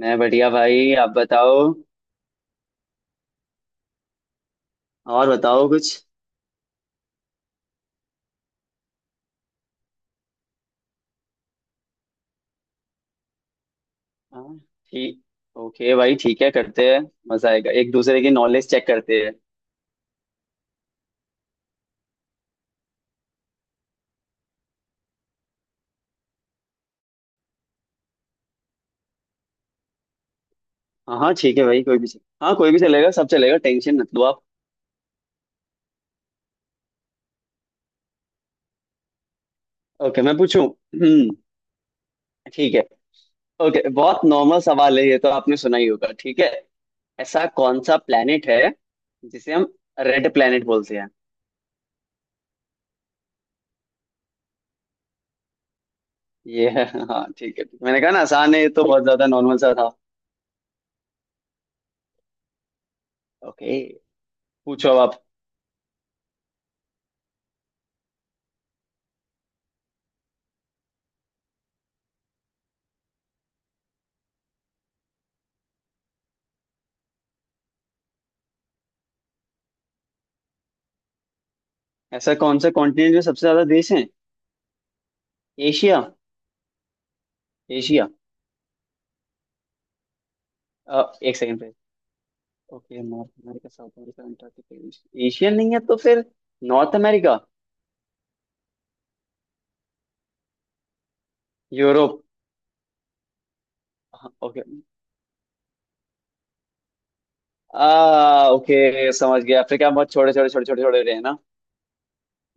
मैं बढ़िया भाई। आप बताओ। और बताओ कुछ। हाँ, ठीक। ओके भाई, ठीक है, करते हैं। मजा आएगा, एक दूसरे की नॉलेज चेक करते हैं। हाँ हाँ ठीक है भाई, हाँ कोई भी चलेगा, सब चलेगा, टेंशन मत लो आप। ओके, मैं पूछूं। ठीक है। ओके, बहुत नॉर्मल सवाल है ये, तो आपने सुना ही होगा, ठीक है। ऐसा कौन सा प्लेनेट है जिसे हम रेड प्लेनेट बोलते हैं। ये है, हाँ ठीक है, मैंने कहा ना आसान है, ये तो बहुत ज्यादा नॉर्मल सा था। ओके, पूछो अब आप। ऐसा कौन सा कॉन्टिनेंट में सबसे ज्यादा देश है। एशिया। एशिया। एक सेकंड पे। Okay, North America, South America, Antarctica, Asia नहीं है तो फिर नॉर्थ अमेरिका। यूरोप। हाँ, ओके। आ ओके समझ गया, अफ्रीका बहुत छोटे छोटे छोटे छोटे छोटे रहे हैं ना।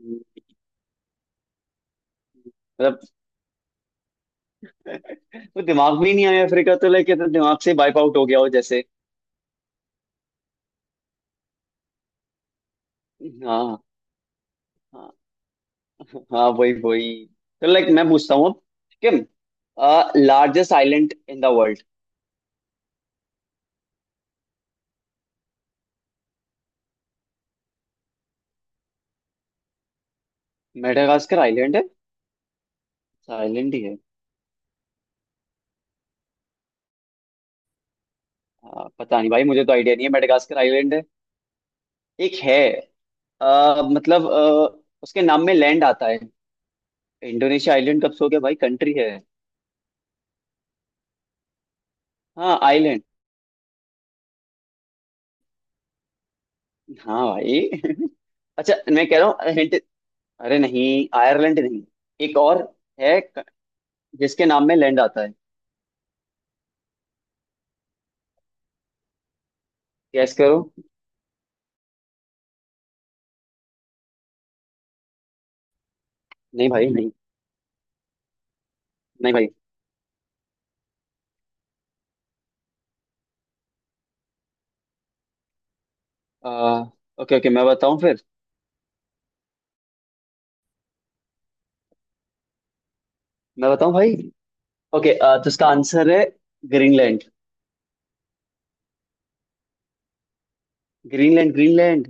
हम्म, मतलब वो दिमाग में ही नहीं आया, अफ्रीका तो लाइक तो दिमाग से वाइप आउट हो गया हो जैसे। हाँ, हाँ। हाँ वही वही तो लाइक मैं पूछता हूँ अब। Sikkim largest island in the world. Madagascar island है। आइलैंड ही है। पता नहीं भाई, मुझे तो आइडिया नहीं है, मेडागास्कर आइलैंड है। एक है। आ, मतलब आ, उसके नाम में लैंड आता है। इंडोनेशिया आइलैंड कब से हो गया भाई, कंट्री है। हाँ, आइलैंड। हाँ भाई अच्छा मैं कह रहा हूँ हिंट। अरे नहीं, आयरलैंड नहीं। एक और है जिसके नाम में लैंड आता है। गैस करो। नहीं भाई, नहीं। नहीं भाई। आ, ओके ओके, मैं बताऊँ फिर। मैं बताऊँ भाई। ओके, तो इसका आंसर है ग्रीनलैंड। ग्रीनलैंड।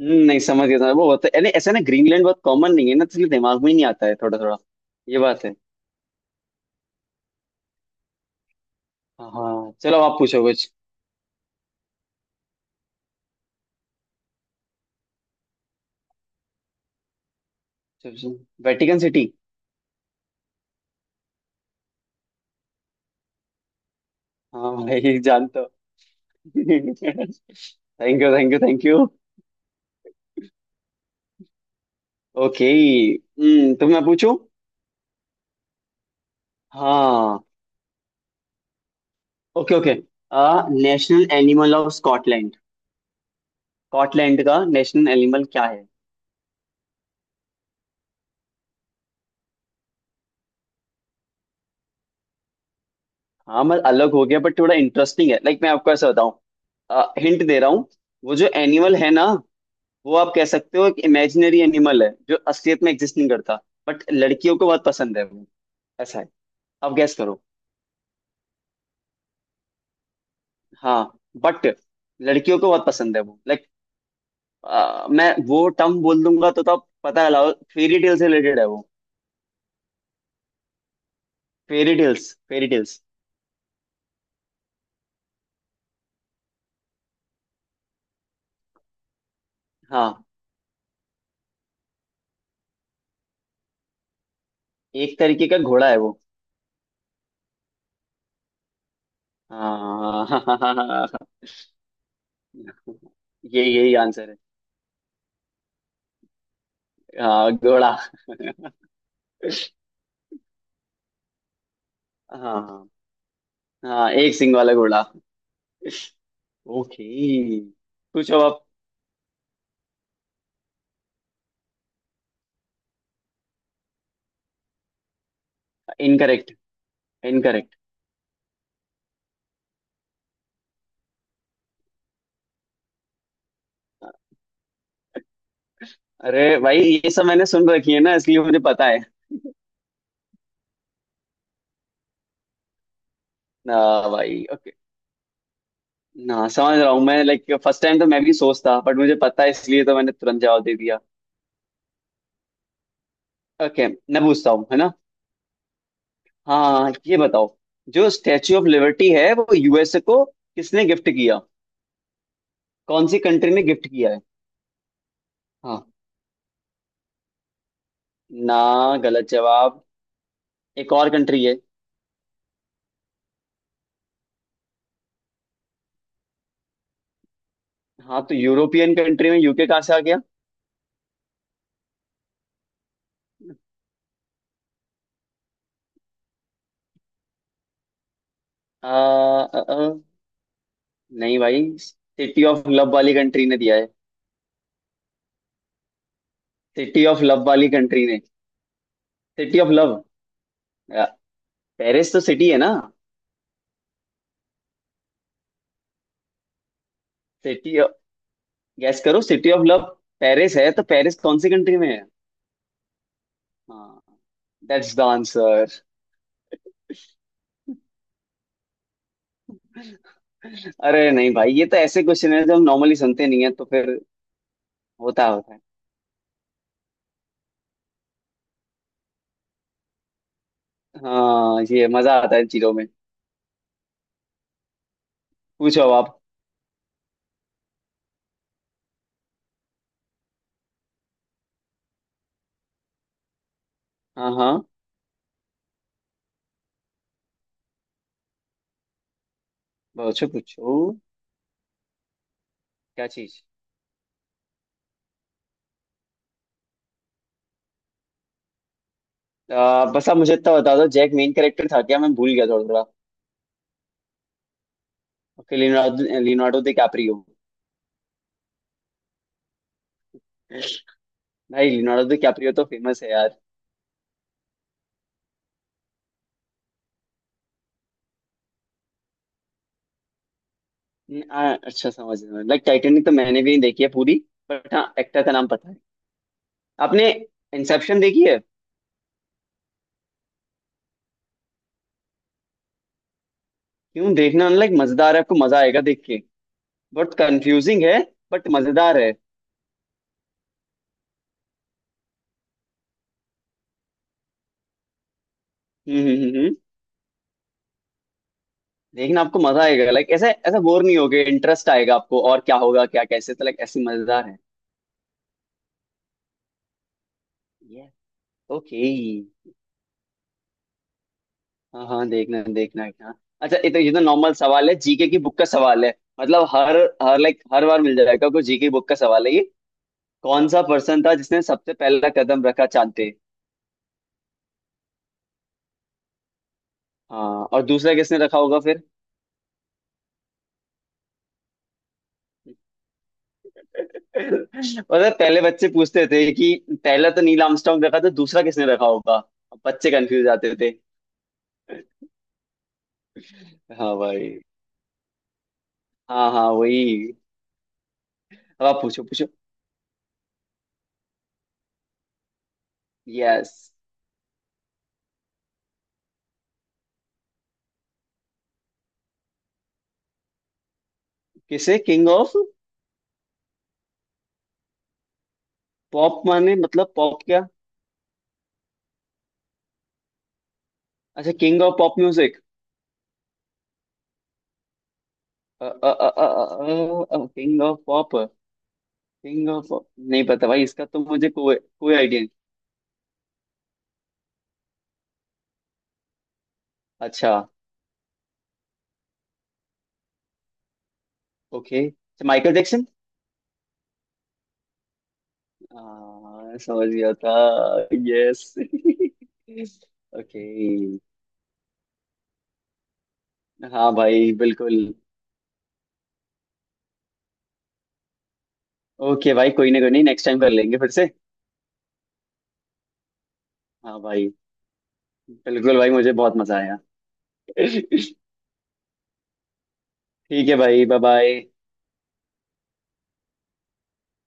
नहीं समझ गया, समझ वो होता है, यानी ऐसा ना, ग्रीनलैंड बहुत कॉमन नहीं है ना, तो इसलिए दिमाग में ही नहीं आता है थोड़ा थोड़ा। ये बात है। हाँ चलो, आप पूछो कुछ। Vatican city. हाँ भाई जानता हूँ। Thank you thank you thank you. Okay, हम्म, तो मैं पूछूं। हाँ। Okay okay. National animal of Scotland. Scotland का नेशनल एनिमल क्या है। हाँ, मतलब अलग हो गया, बट थोड़ा इंटरेस्टिंग है, लाइक मैं आपको ऐसा बताऊं, हिंट दे रहा हूँ। वो जो एनिमल है ना, वो आप कह सकते हो एक इमेजिनरी एनिमल है, जो असलियत में एग्जिस्ट नहीं करता। बट लड़कियों को बहुत पसंद है वो। ऐसा है। आप गैस करो। हाँ। बट लड़कियों को बहुत पसंद है वो, लाइक मैं वो टर्म बोल दूंगा तो आप पता लगाओ, फेरी टेल से रिलेटेड है वो। Fairy tales. हाँ। एक तरीके का घोड़ा है वो। हाँ यही यही आंसर है। हाँ, घोड़ा। हाँ, हाँ एक सिंग वाला घोड़ा ओके, पूछो आप। इनकरेक्ट। इनकरेक्ट। अरे भाई, ये सब मैंने सुन रखी है ना, इसलिए मुझे पता है। ना भाई, ओके। ना समझ रहा हूँ मैं, लाइक फर्स्ट टाइम तो मैं भी सोचता, बट मुझे पता है, इसलिए तो मैंने तुरंत जवाब दे दिया। ओके मैं पूछता हूँ, है ना। हाँ, ये बताओ, जो स्टैच्यू ऑफ लिबर्टी है वो यूएसए को किसने गिफ्ट किया। कौन सी कंट्री ने गिफ्ट किया है। हाँ। ना, गलत जवाब। एक और कंट्री है। हाँ, तो यूरोपियन कंट्री में यूके कहाँ से आ गया। आ, आ, आ, नहीं भाई, सिटी ऑफ लव वाली कंट्री ने दिया है। सिटी ऑफ लव वाली कंट्री ने। City of love. पेरिस तो सिटी है ना। सिटी ऑफ, गैस करो, सिटी ऑफ लव। पेरिस है, तो पेरिस कौन सी कंट्री में है। हाँ, दैट्स द आंसर। अरे नहीं भाई, ये तो ऐसे क्वेश्चन है जो हम नॉर्मली सुनते नहीं है, तो फिर होता होता है। हाँ, ये मजा आता है इन चीजों में। पूछो अब आप। हाँ हाँ। पूछो पूछो। क्या चीज। बस आप मुझे इतना बता दो, जैक मेन कैरेक्टर था क्या, मैं भूल गया थोड़ा थोड़ा। Okay, Leonardo Leonardo DiCaprio. भाई, लियोनार्डो डिकैप्रियो तो फेमस है यार। अच्छा समझ रहा हूँ। लाइक टाइटैनिक तो मैंने भी नहीं देखी है पूरी, बट हाँ, एक्टर का नाम पता है। आपने इंसेप्शन देखी है। क्यों देखना, लाइक मजेदार है, आपको मजा आएगा देख के। बहुत कंफ्यूजिंग है, बट मजेदार है। हम्म हम्म हम्म हम्म। देखना, आपको मजा आएगा, लाइक ऐसे ऐसा बोर नहीं होगे, इंटरेस्ट आएगा आपको, और क्या होगा क्या कैसे, तो लाइक ऐसी मजेदार है ये। ओके, हाँ हाँ देखना देखना, हाँ। अच्छा ये तो, ये तो नॉर्मल सवाल है, जीके की बुक का सवाल है, मतलब हर हर लाइक हर बार मिल जाएगा आपको, जीके बुक का सवाल है ये। कौन सा पर्सन था जिसने सबसे पहला कदम रखा चांद पे। हाँ, और दूसरा किसने रखा होगा फिर। पता है, पहले बच्चे पूछते थे कि पहला तो नील आर्मस्ट्रांग रखा था, दूसरा किसने रखा होगा, अब बच्चे कंफ्यूज आते थे। हाँ भाई। हाँ हाँ वही अब आप पूछो पूछो। यस। किसे किंग ऑफ पॉप माने, मतलब पॉप क्या। अच्छा, king of pop music. King of pop. King of. नहीं पता भाई, इसका तो मुझे कोई कोई आइडिया नहीं। अच्छा, ओके, माइकल जैक्सन। हाँ, समझ गया था। यस। ओके। हाँ भाई, बिल्कुल। ओके भाई, कोई ना, कोई नहीं, नेक्स्ट टाइम कर लेंगे फिर से। हाँ भाई, बिल्कुल भाई, मुझे बहुत मजा आया। ठीक है भाई, बाय बाय।